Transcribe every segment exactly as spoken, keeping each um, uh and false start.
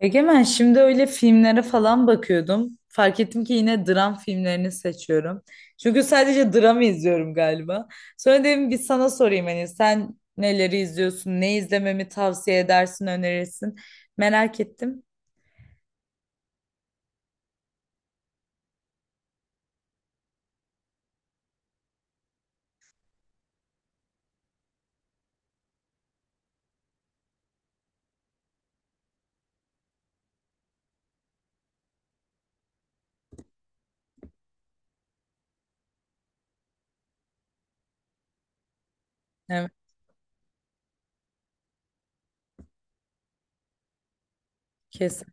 Egemen şimdi öyle filmlere falan bakıyordum. Fark ettim ki yine dram filmlerini seçiyorum. Çünkü sadece dram izliyorum galiba. Sonra dedim bir sana sorayım hani sen neleri izliyorsun, ne izlememi tavsiye edersin, önerirsin. Merak ettim. Evet, kesin.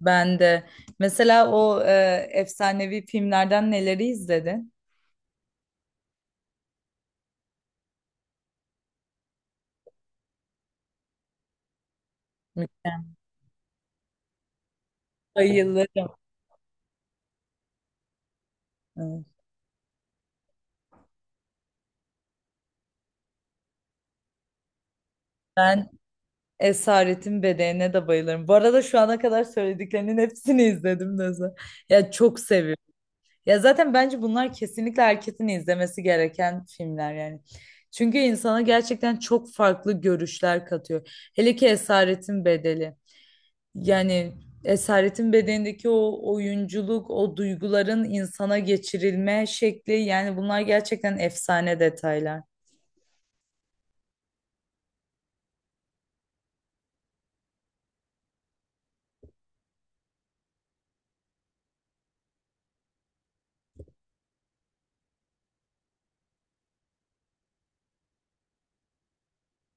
Ben de. Mesela o e, efsanevi filmlerden neleri izledin? Mükemmel. Bayılırım. Evet. Ben Esaretin Bedeğine de bayılırım. Bu arada şu ana kadar söylediklerinin hepsini izledim Neza. Ya çok seviyorum. Ya zaten bence bunlar kesinlikle herkesin izlemesi gereken filmler yani. Çünkü insana gerçekten çok farklı görüşler katıyor. Hele ki Esaretin Bedeli. Yani Esaretin Bedeni'ndeki o oyunculuk, o duyguların insana geçirilme şekli yani bunlar gerçekten efsane detaylar.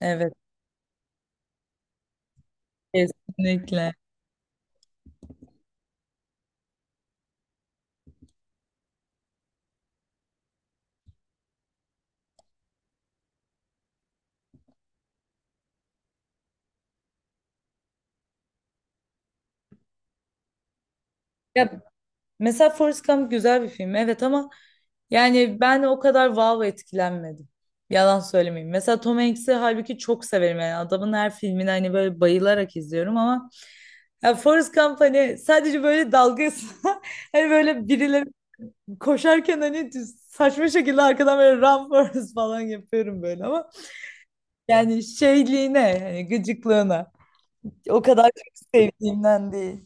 Evet, kesinlikle. Ya mesela Forrest Gump güzel bir film, evet, ama yani ben o kadar wow etkilenmedim. Yalan söylemeyeyim. Mesela Tom Hanks'i halbuki çok severim yani adamın her filmini hani böyle bayılarak izliyorum ama ya Forrest Gump hani sadece böyle dalgası hani böyle birileri koşarken hani saçma şekilde arkadan böyle run Forrest falan yapıyorum böyle ama yani şeyliğine hani gıcıklığına o kadar çok sevdiğimden değil.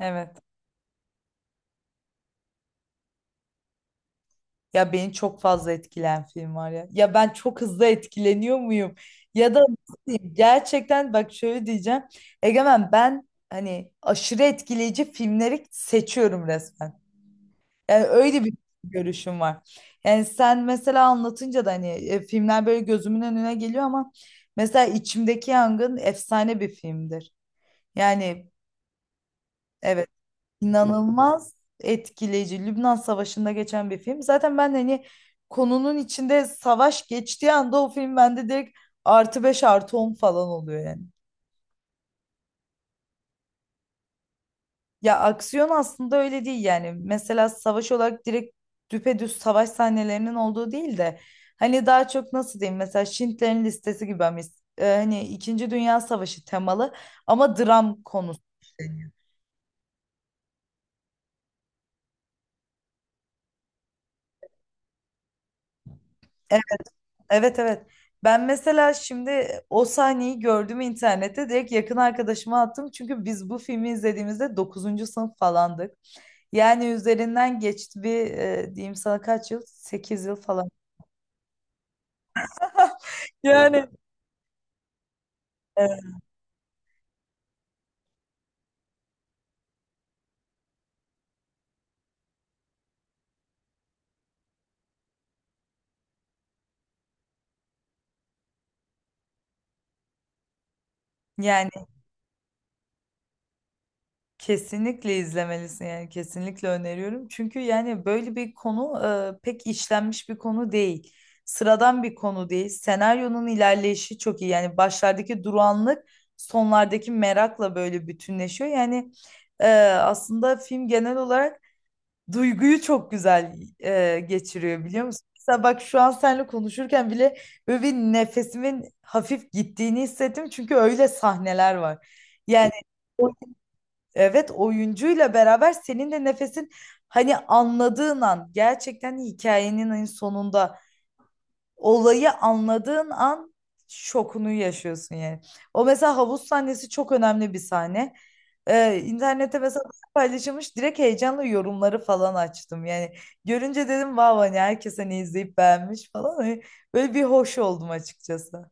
Evet. Ya beni çok fazla etkilen film var ya. Ya ben çok hızlı etkileniyor muyum? Ya da nasıl diyeyim? Gerçekten bak şöyle diyeceğim. Egemen ben hani aşırı etkileyici filmleri seçiyorum resmen. Yani öyle bir görüşüm var. Yani sen mesela anlatınca da hani e, filmler böyle gözümün önüne geliyor ama mesela İçimdeki Yangın efsane bir filmdir. Yani evet. İnanılmaz etkileyici. Lübnan Savaşı'nda geçen bir film. Zaten ben hani konunun içinde savaş geçtiği anda o film bende direkt artı beş artı on falan oluyor yani. Ya aksiyon aslında öyle değil yani. Mesela savaş olarak direkt düpedüz savaş sahnelerinin olduğu değil de hani daha çok nasıl diyeyim mesela Schindler'in Listesi gibi hani, e, hani İkinci Dünya Savaşı temalı ama dram konusu. Evet, evet. Ben mesela şimdi o sahneyi gördüm internette direkt yakın arkadaşıma attım. Çünkü biz bu filmi izlediğimizde dokuzuncu sınıf falandık. Yani üzerinden geçti bir e, diyeyim sana kaç yıl? Sekiz yıl falan. Yani e, yani kesinlikle izlemelisin yani kesinlikle öneriyorum. Çünkü yani böyle bir konu e, pek işlenmiş bir konu değil. Sıradan bir konu değil. Senaryonun ilerleyişi çok iyi. Yani başlardaki durağanlık sonlardaki merakla böyle bütünleşiyor. Yani e, aslında film genel olarak duyguyu çok güzel e, geçiriyor biliyor musun? Mesela bak şu an seninle konuşurken bile böyle bir nefesimin hafif gittiğini hissettim. Çünkü öyle sahneler var. Yani evet, oyuncuyla beraber senin de nefesin hani anladığın an gerçekten hikayenin en sonunda olayı anladığın an şokunu yaşıyorsun yani. O mesela havuz sahnesi çok önemli bir sahne. Ee, internette mesela paylaşılmış direkt heyecanla yorumları falan açtım. Yani görünce dedim vav, hani herkes hani izleyip beğenmiş falan. Hani böyle bir hoş oldum açıkçası.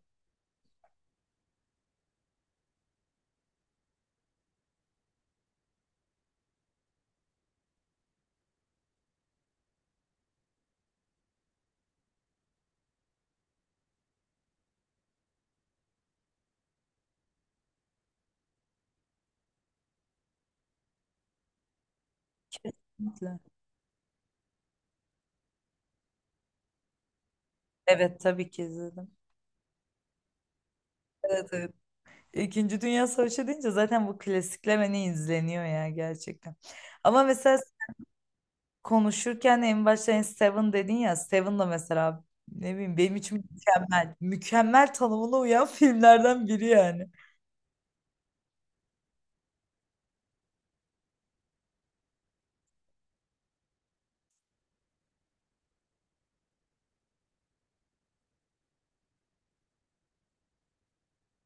Kesinlikle. Evet, tabii ki izledim. Evet, evet. İkinci Dünya Savaşı deyince zaten bu klasikler hani izleniyor ya gerçekten. Ama mesela konuşurken en başta hani Seven dedin ya, Seven da mesela ne bileyim benim için mükemmel. Mükemmel tanımına uyan filmlerden biri yani.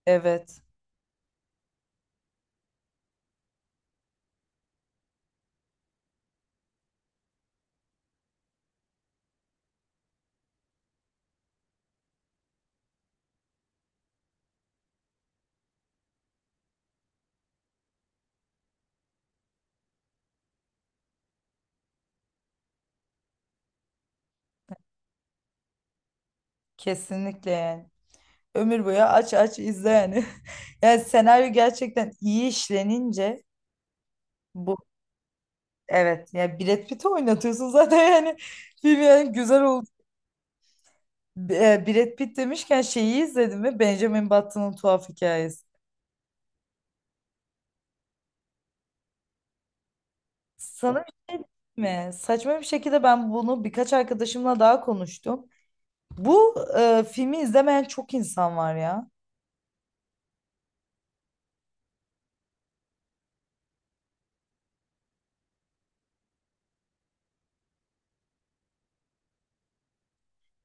Evet, kesinlikle yani. Ömür boyu aç aç izle yani. Yani senaryo gerçekten iyi işlenince bu, evet, yani Brad Pitt'i oynatıyorsun zaten yani film yani güzel. B- e, Brad Pitt demişken şeyi izledin mi? Benjamin Button'ın tuhaf hikayesi. Sana bir şey diyeyim mi? Saçma bir şekilde ben bunu birkaç arkadaşımla daha konuştum. Bu e, filmi izlemeyen çok insan var ya.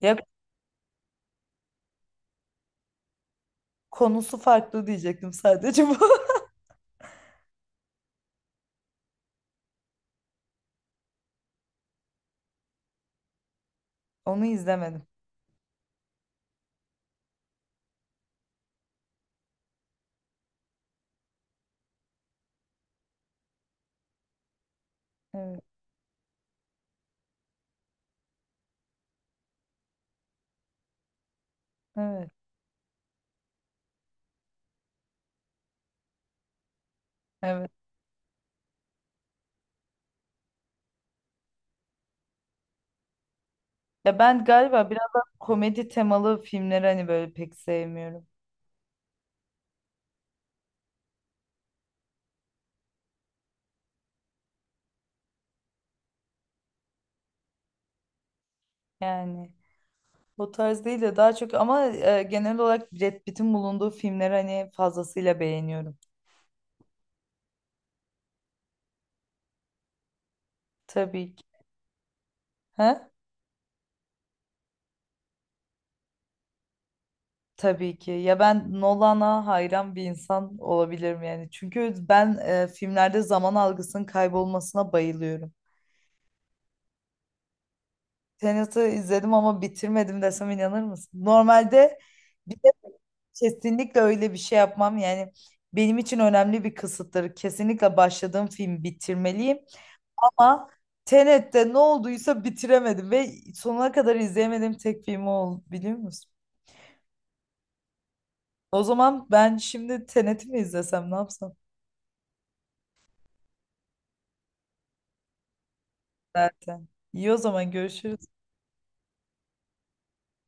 Ya konusu farklı diyecektim sadece bu. Onu izlemedim. Evet, evet, evet. Ya ben galiba biraz daha komedi temalı filmleri hani böyle pek sevmiyorum. Yani o tarz değil de daha çok ama e, genel olarak Brad Pitt'in bulunduğu filmleri hani fazlasıyla beğeniyorum. Tabii ki. He? Tabii ki. Ya ben Nolan'a hayran bir insan olabilirim yani. Çünkü ben e, filmlerde zaman algısının kaybolmasına bayılıyorum. Tenet'i izledim ama bitirmedim desem inanır mısın? Normalde bir de kesinlikle öyle bir şey yapmam. Yani benim için önemli bir kısıttır. Kesinlikle başladığım film bitirmeliyim. Ama Tenet'te ne olduysa bitiremedim ve sonuna kadar izleyemediğim tek film o oldu biliyor musun? O zaman ben şimdi Tenet'i mi izlesem ne yapsam? Zaten. İyi, o zaman görüşürüz.